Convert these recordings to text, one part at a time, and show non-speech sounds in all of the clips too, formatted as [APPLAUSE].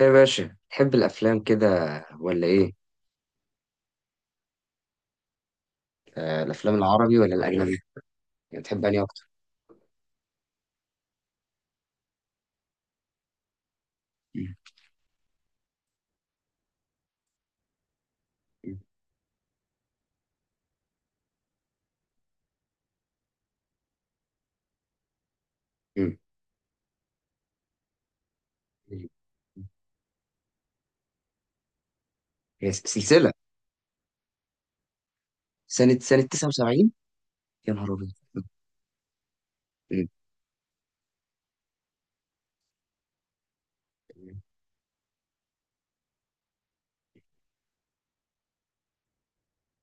ايه يا باشا تحب الافلام كده ولا ايه؟ الافلام العربي ولا الاجنبي؟ يعني بتحب انهي اكتر؟ مم. مم. مم. هي سلسله. سنه 79. يا نهار ابيض. مم.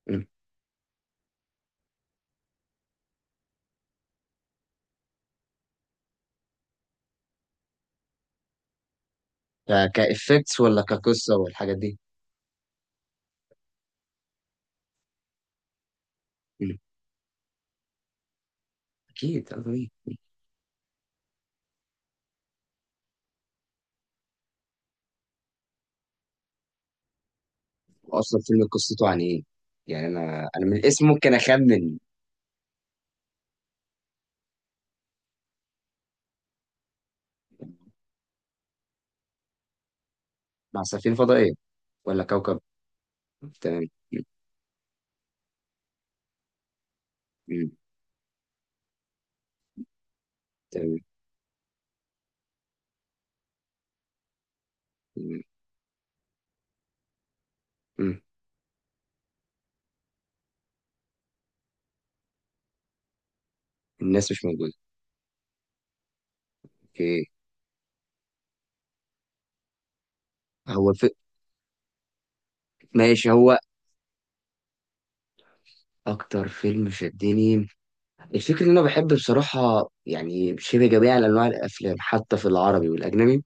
مم. كافكتس ولا كقصه والحاجات دي؟ مم. اكيد آه، طبيعي. اصلا فيلم قصته عن ايه؟ يعني انا من الاسم ممكن اخمن. مع سفينه فضائيه ولا كوكب؟ تمام. مم. تمام مم. مم. الناس مش موجوده. اوكي. هو ماشي. هو اكتر فيلم شدني، الفكرة ان انا بحب بصراحة، يعني شبه جميع انواع الافلام حتى في العربي والاجنبي.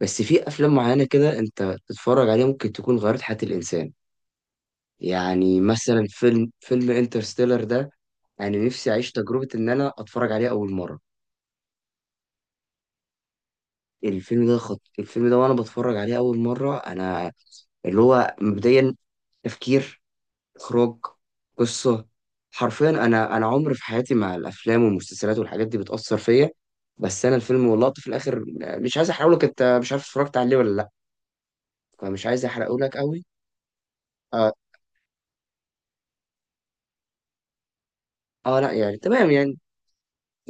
بس في افلام معينة كده انت تتفرج عليها ممكن تكون غيرت حياة الانسان. يعني مثلا فيلم انترستيلر ده، انا نفسي اعيش تجربة ان انا اتفرج عليه اول مرة. الفيلم ده الفيلم ده وانا بتفرج عليه اول مرة انا، اللي هو مبدئيا، تفكير، اخراج، قصه، حرفيا انا عمري في حياتي مع الافلام والمسلسلات والحاجات دي بتاثر فيا. بس انا الفيلم واللقطه في الاخر، مش عايز احرقه لك، انت مش عارف اتفرجت عليه ولا لا، فمش عايز احرقه لك قوي. آه, اه لا يعني تمام يعني.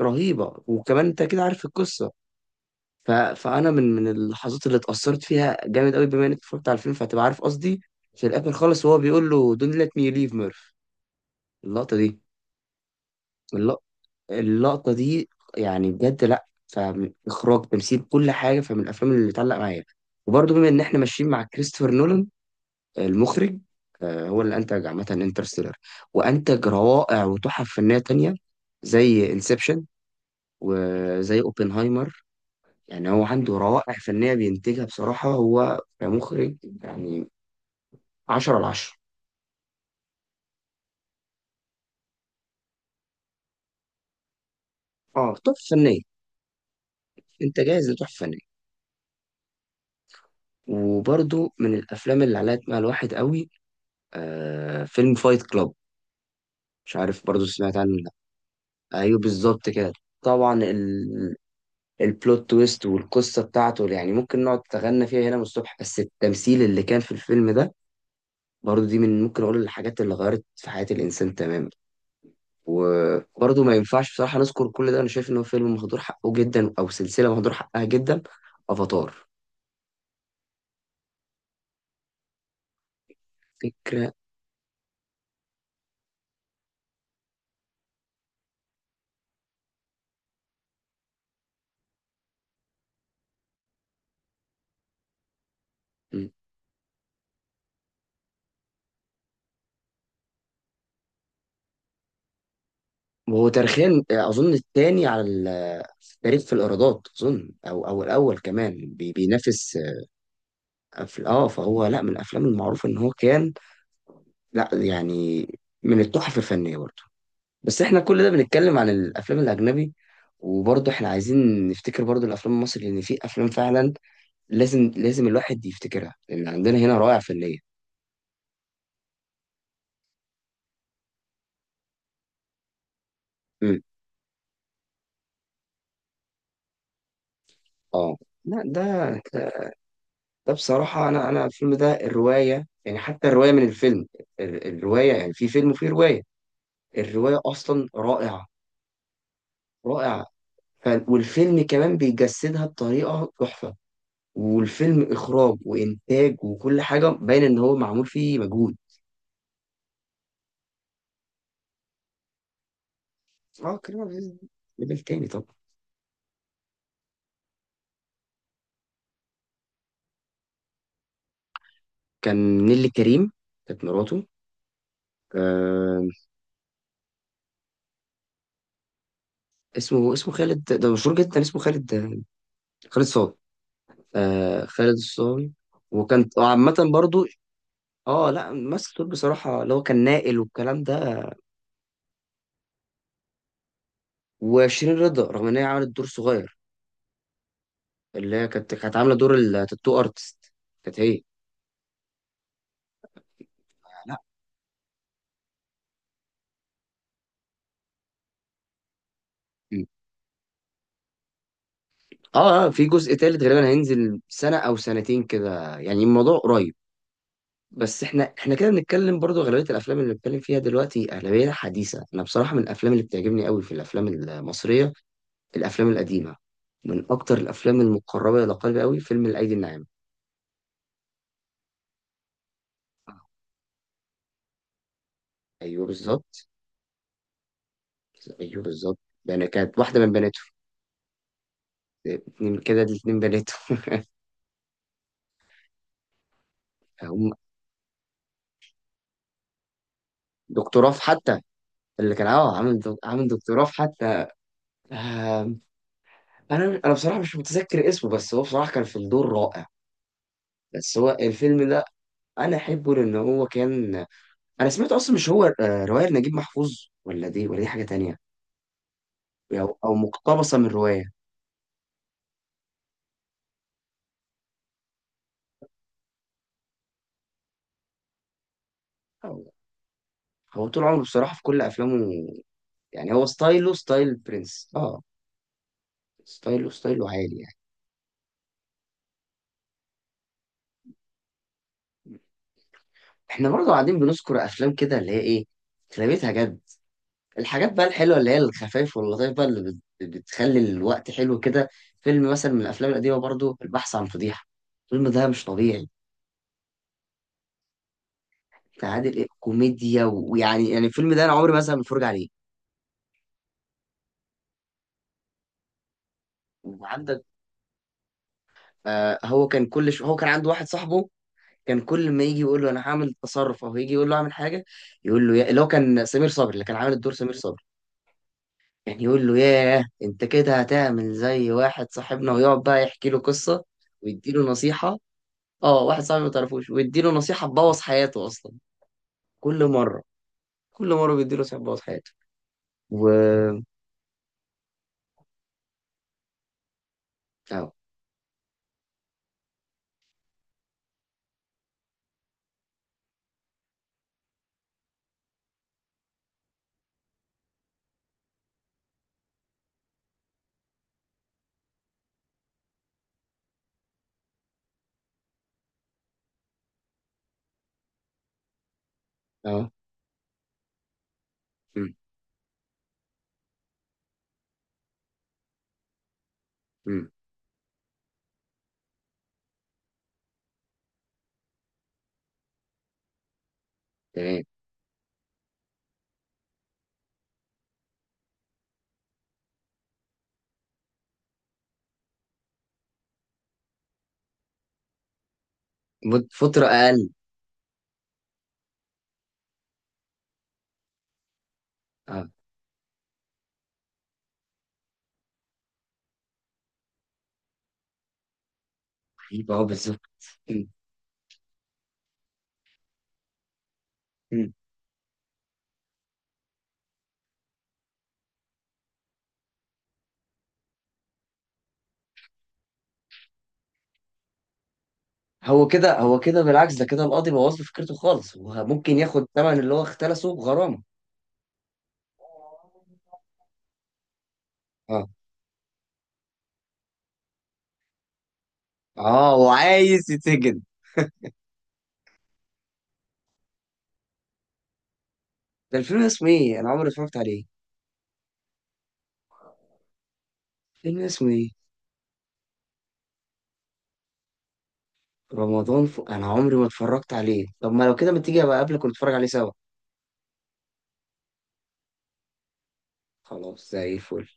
رهيبه، وكمان انت كده عارف القصه. فانا من اللحظات اللي اتاثرت فيها جامد قوي، بما انك اتفرجت على الفيلم فهتبقى عارف قصدي، في الاخر خالص وهو بيقول له دون ليت مي ليف ميرف. اللقطه دي، اللقطه، اللقطة دي، يعني بجد لأ. فإخراج، تمثيل، كل حاجة، فمن الأفلام اللي اتعلق معايا. وبرضه بما إن إحنا ماشيين مع كريستوفر نولان المخرج، آه، هو اللي أنتج عامة انترستيلر، وأنتج روائع وتحف فنية تانية زي انسبشن وزي اوبنهايمر. يعني هو عنده روائع فنية بينتجها بصراحة هو كمخرج. يعني عشرة على عشرة. اه تحف فنية. انت جاهز لتحف فنية. وبرضه من الافلام اللي علقت مع الواحد قوي، آه، فيلم فايت كلاب. مش عارف برضو سمعت عنه ولا لأ. ايوه بالظبط كده. طبعا البلوت تويست والقصه بتاعته يعني ممكن نقعد نتغنى فيها هنا من الصبح. بس التمثيل اللي كان في الفيلم ده، برضو دي من ممكن اقول الحاجات اللي غيرت في حياه الانسان تماما. وبرضو ما ينفعش بصراحه نذكر كل ده، انا شايف ان هو فيلم مهدور حقه جدا، او سلسله مهدور حقها جدا. افاتار. فكره. م. وهو تاريخيا اظن الثاني على في التاريخ في الايرادات، اظن او او الاول كمان بينافس. اه فهو لا، من الافلام المعروفه ان هو كان، لا يعني، من التحف الفنيه برضه. بس احنا كل ده بنتكلم عن الافلام الاجنبي، وبرضه احنا عايزين نفتكر برضه الافلام المصري، لان في افلام فعلا لازم الواحد يفتكرها، لان عندنا هنا روائع فنيه. امم. اه لا ده، ده بصراحه، انا الفيلم ده الروايه، يعني حتى الروايه من الفيلم، الروايه، يعني في فيلم وفي روايه، الروايه اصلا رائعه، رائعه. والفيلم كمان بيجسدها بطريقه تحفه، والفيلم اخراج وانتاج وكل حاجه باين ان هو معمول فيه مجهود. اه، كريم عبد العزيز ليفل تاني طبعا. كان نيلي كريم، كانت مراته. آه، اسمه خالد، ده مشهور جدا اسمه خالد. خالد صاوي، آه خالد الصاوي. وكانت عامه برضو. اه لا، ممثل دور بصراحه، اللي هو كان نائل والكلام ده. وشيرين رضا رغم ان هي عملت دور صغير، اللي هي كانت عامله دور التاتو ارتست. كانت هي. لا، اه آه، في جزء تالت غالبا هينزل سنة او سنتين كده، يعني الموضوع قريب. بس احنا كده بنتكلم برضو اغلبية الافلام اللي بنتكلم فيها دلوقتي اغلبية حديثة. انا بصراحة من الافلام اللي بتعجبني قوي في الافلام المصرية، الافلام القديمة. من اكتر الافلام المقربة الى قلبي قوي فيلم الايدي الناعمة. ايوه بالظبط. ايوه بالظبط. ده انا كانت واحدة من بناته، اتنين كده، دي اتنين بناته. [LAUGHS] هم، دكتور رف حتى، اللي كان اه عامل عامل دكتور رف حتى. انا بصراحه مش متذكر اسمه، بس هو بصراحه كان في الدور رائع. بس هو الفيلم ده انا احبه لان هو كان، انا سمعت اصلا مش هو آه، روايه نجيب محفوظ، ولا دي، ولا دي حاجه تانية، او أو مقتبسه من روايه. أو هو طول عمره بصراحه في كل افلامه، يعني هو ستايله ستايل برنس، اه، ستايله ستايله عالي يعني. احنا برضه قاعدين بنذكر افلام كده اللي هي ايه، اغلبيتها جد، الحاجات بقى الحلوه اللي هي الخفايف واللطايف بقى اللي بتخلي الوقت حلو كده. فيلم مثلا من الافلام القديمه برضو، البحث عن فضيحه. الفيلم ده مش طبيعي. بتاع عادل امام كوميديا، ويعني يعني الفيلم ده انا عمري مثلا ما اتفرج عليه. وعندك، آه هو كان كل هو كان عنده واحد صاحبه، كان كل ما يجي يقول له انا هعمل تصرف او يجي يقول له اعمل حاجه، يقول له اللي هو كان سمير صبري، اللي كان عامل الدور سمير صبري، كان يقول له ياه انت كده هتعمل زي واحد صاحبنا، ويقعد بقى يحكي له قصه ويديله نصيحه. اه واحد صاحبي ما تعرفوش ويديله نصيحة تبوظ حياته أصلا. كل مرة، كل مرة بيديله نصيحة تبوظ حياته. و، اه اه. أمم، أمم، تمام. فترة أقل. اه. يبقى هو بالظبط. أمم، أمم. هو كده، هو كده بالعكس، ده كده القاضي بوظ له فكرته خالص، هو ممكن ياخد الثمن اللي هو اختلسه بغرامة. اه اه. وعايز يتسجن. ده الفيلم اسمه ايه؟ أنا عمري ما اتفرجت عليه. الفيلم اسمه ايه؟ رمضان أنا عمري ما اتفرجت عليه، طب ما لو كده ما تيجي أبقى أقابلك ونتفرج عليه سوا. خلاص زي الفل.